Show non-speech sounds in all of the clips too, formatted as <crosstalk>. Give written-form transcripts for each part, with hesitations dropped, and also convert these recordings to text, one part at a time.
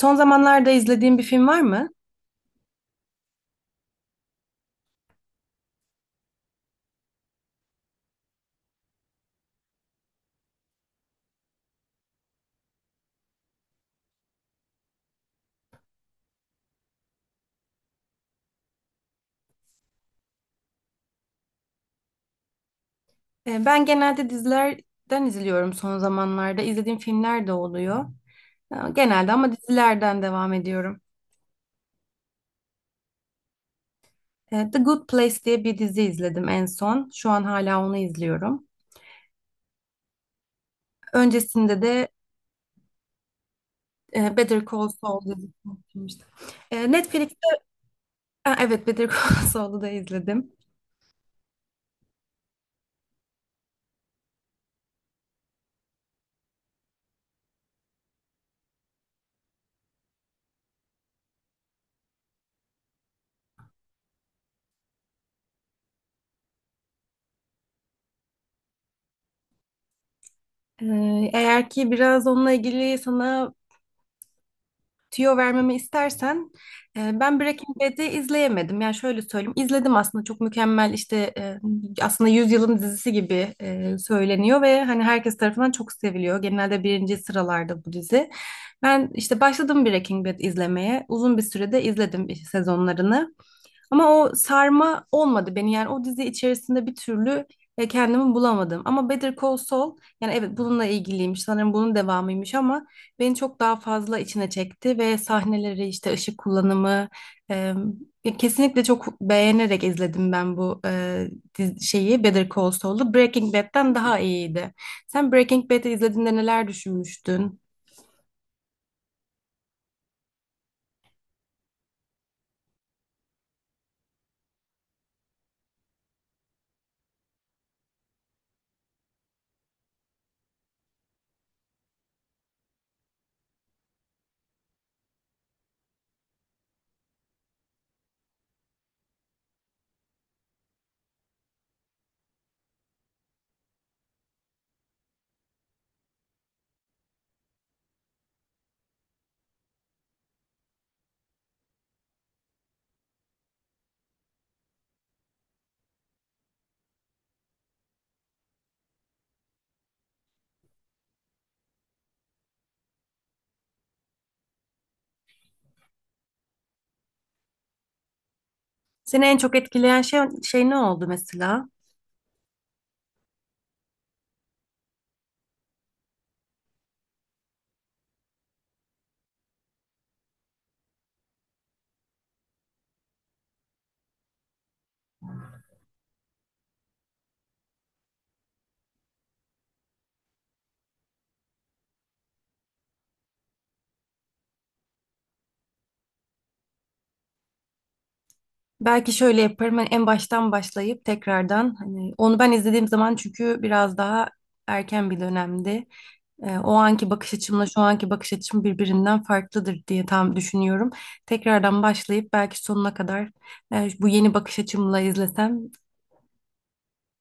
Son zamanlarda izlediğin bir film var mı? Ben genelde dizilerden izliyorum son zamanlarda. İzlediğim filmler de oluyor. Genelde ama dizilerden devam ediyorum. The Good Place diye bir dizi izledim en son. Şu an hala onu izliyorum. Öncesinde de Better Call Saul dizisini izlemiştim. Netflix'te. Ha, evet Better Call <laughs> Saul'u da izledim. Eğer ki biraz onunla ilgili sana tüyo vermemi istersen ben Breaking Bad'i izleyemedim. Yani şöyle söyleyeyim. İzledim aslında, çok mükemmel işte, aslında yüzyılın dizisi gibi söyleniyor ve hani herkes tarafından çok seviliyor. Genelde birinci sıralarda bu dizi. Ben işte başladım Breaking Bad izlemeye. Uzun bir sürede izledim işte sezonlarını. Ama o sarma olmadı beni, yani o dizi içerisinde bir türlü kendimi bulamadım. Ama Better Call Saul, yani evet bununla ilgiliymiş sanırım, bunun devamıymış, ama beni çok daha fazla içine çekti ve sahneleri, işte ışık kullanımı, e, ya kesinlikle çok beğenerek izledim ben bu şeyi, Better Call Saul'u. Breaking Bad'den daha iyiydi. Sen Breaking Bad'i izlediğinde neler düşünmüştün? Seni en çok etkileyen şey, şey ne oldu mesela? Belki şöyle yaparım. Hani en baştan başlayıp tekrardan, hani onu ben izlediğim zaman, çünkü biraz daha erken bir dönemdi. O anki bakış açımla şu anki bakış açım birbirinden farklıdır diye tam düşünüyorum. Tekrardan başlayıp belki sonuna kadar bu yeni bakış açımla izlesem,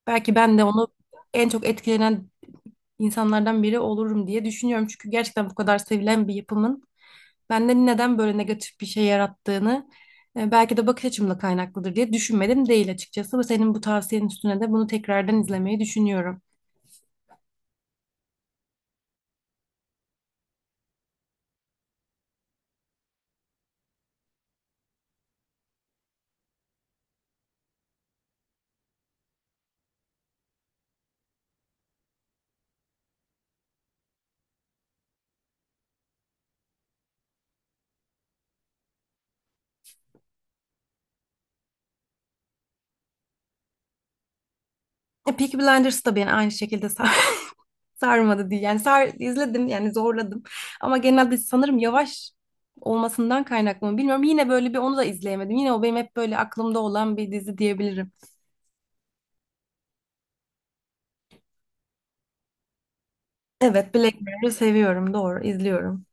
belki ben de onu en çok etkilenen insanlardan biri olurum diye düşünüyorum. Çünkü gerçekten bu kadar sevilen bir yapımın bende neden böyle negatif bir şey yarattığını, belki de bakış açımla kaynaklıdır diye düşünmedim değil açıkçası. Ve senin bu tavsiyenin üstüne de bunu tekrardan izlemeyi düşünüyorum. Peaky Blinders da beni aynı şekilde <laughs> sarmadı diye. Yani sar izledim, yani zorladım. Ama genelde sanırım yavaş olmasından kaynaklı mı bilmiyorum. Yine böyle, bir onu da izleyemedim. Yine o benim hep böyle aklımda olan bir dizi diyebilirim. Evet, Black Mirror'ı seviyorum, doğru izliyorum.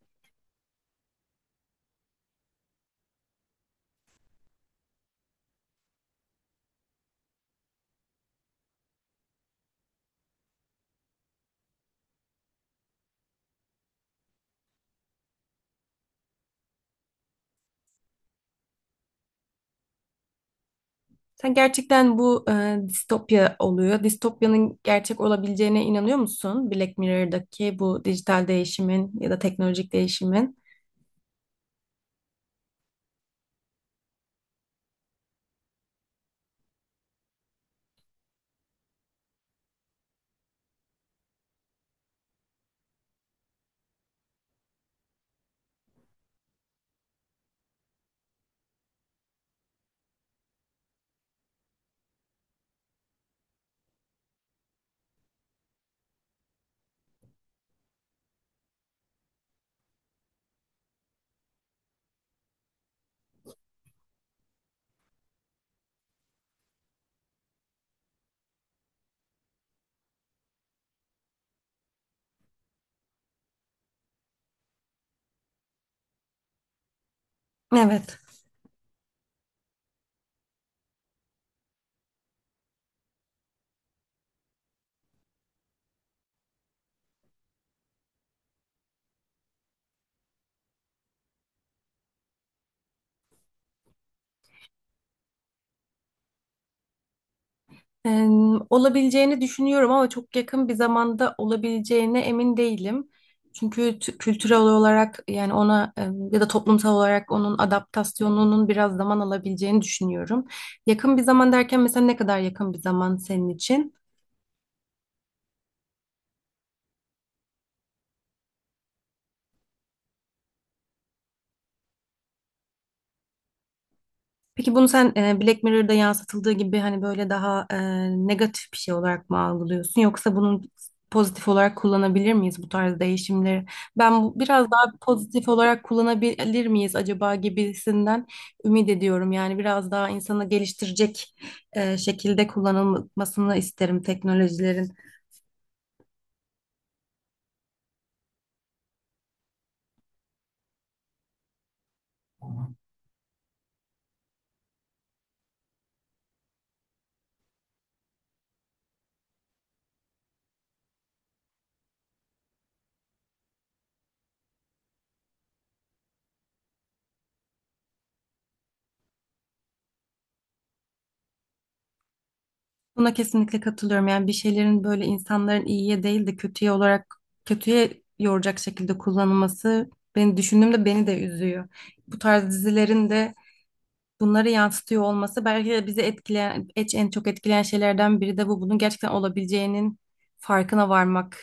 Sen gerçekten bu distopya oluyor. Distopyanın gerçek olabileceğine inanıyor musun? Black Mirror'daki bu dijital değişimin ya da teknolojik değişimin. Evet. Eee, Olabileceğini düşünüyorum ama çok yakın bir zamanda olabileceğine emin değilim. Çünkü kültürel olarak, yani ona ya da toplumsal olarak onun adaptasyonunun biraz zaman alabileceğini düşünüyorum. Yakın bir zaman derken mesela ne kadar yakın bir zaman senin için? Peki bunu sen Black Mirror'da yansıtıldığı gibi, hani böyle daha negatif bir şey olarak mı algılıyorsun, yoksa bunun pozitif olarak kullanabilir miyiz bu tarz değişimleri? Ben bu, biraz daha pozitif olarak kullanabilir miyiz acaba gibisinden ümit ediyorum. Yani biraz daha insanı geliştirecek şekilde kullanılmasını isterim teknolojilerin. Buna kesinlikle katılıyorum. Yani bir şeylerin böyle insanların iyiye değil de kötüye olarak, kötüye yoracak şekilde kullanılması, beni düşündüğümde beni de üzüyor. Bu tarz dizilerin de bunları yansıtıyor olması belki de bizi etkileyen, en çok etkileyen şeylerden biri de bu. Bunun gerçekten olabileceğinin farkına varmak.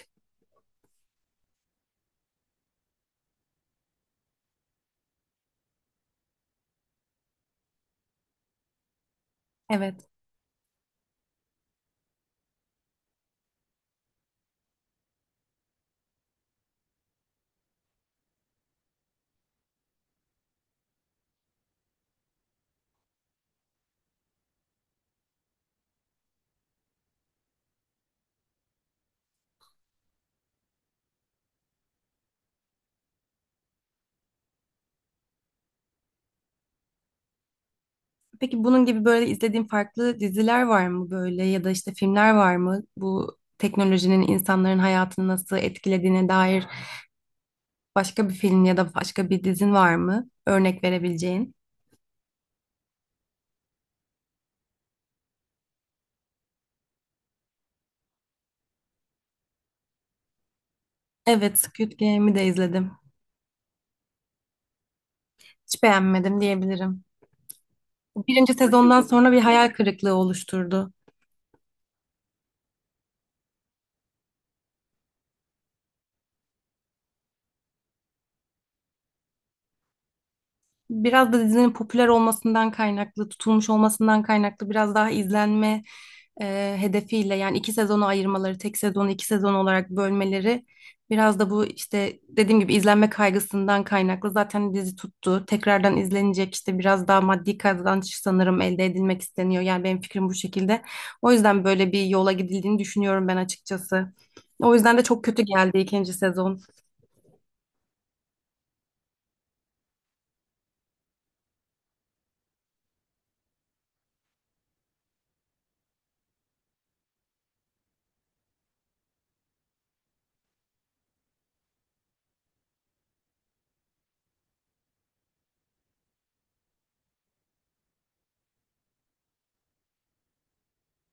Evet. Peki bunun gibi böyle izlediğin farklı diziler var mı böyle, ya da işte filmler var mı? Bu teknolojinin insanların hayatını nasıl etkilediğine dair başka bir film ya da başka bir dizin var mı? Örnek verebileceğin. Evet, Squid Game'i de izledim. Hiç beğenmedim diyebilirim. Birinci sezondan sonra bir hayal kırıklığı oluşturdu. Biraz da dizinin popüler olmasından kaynaklı, tutulmuş olmasından kaynaklı, biraz daha izlenme hedefiyle, yani iki sezonu ayırmaları, tek sezonu iki sezon olarak bölmeleri biraz da bu, işte dediğim gibi izlenme kaygısından kaynaklı. Zaten dizi tuttu. Tekrardan izlenecek, işte biraz daha maddi kazanç sanırım elde edilmek isteniyor. Yani benim fikrim bu şekilde. O yüzden böyle bir yola gidildiğini düşünüyorum ben açıkçası. O yüzden de çok kötü geldi ikinci sezon.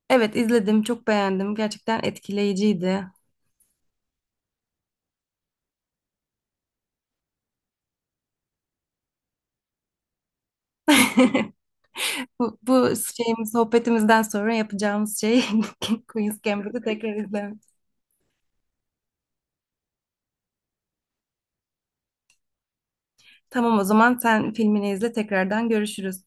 Evet, izledim, çok beğendim. Gerçekten etkileyiciydi. <laughs> Bu şeyimiz, sohbetimizden sonra yapacağımız şey <laughs> Queen's Gambit'i tekrar izlemek. Tamam, o zaman sen filmini izle, tekrardan görüşürüz.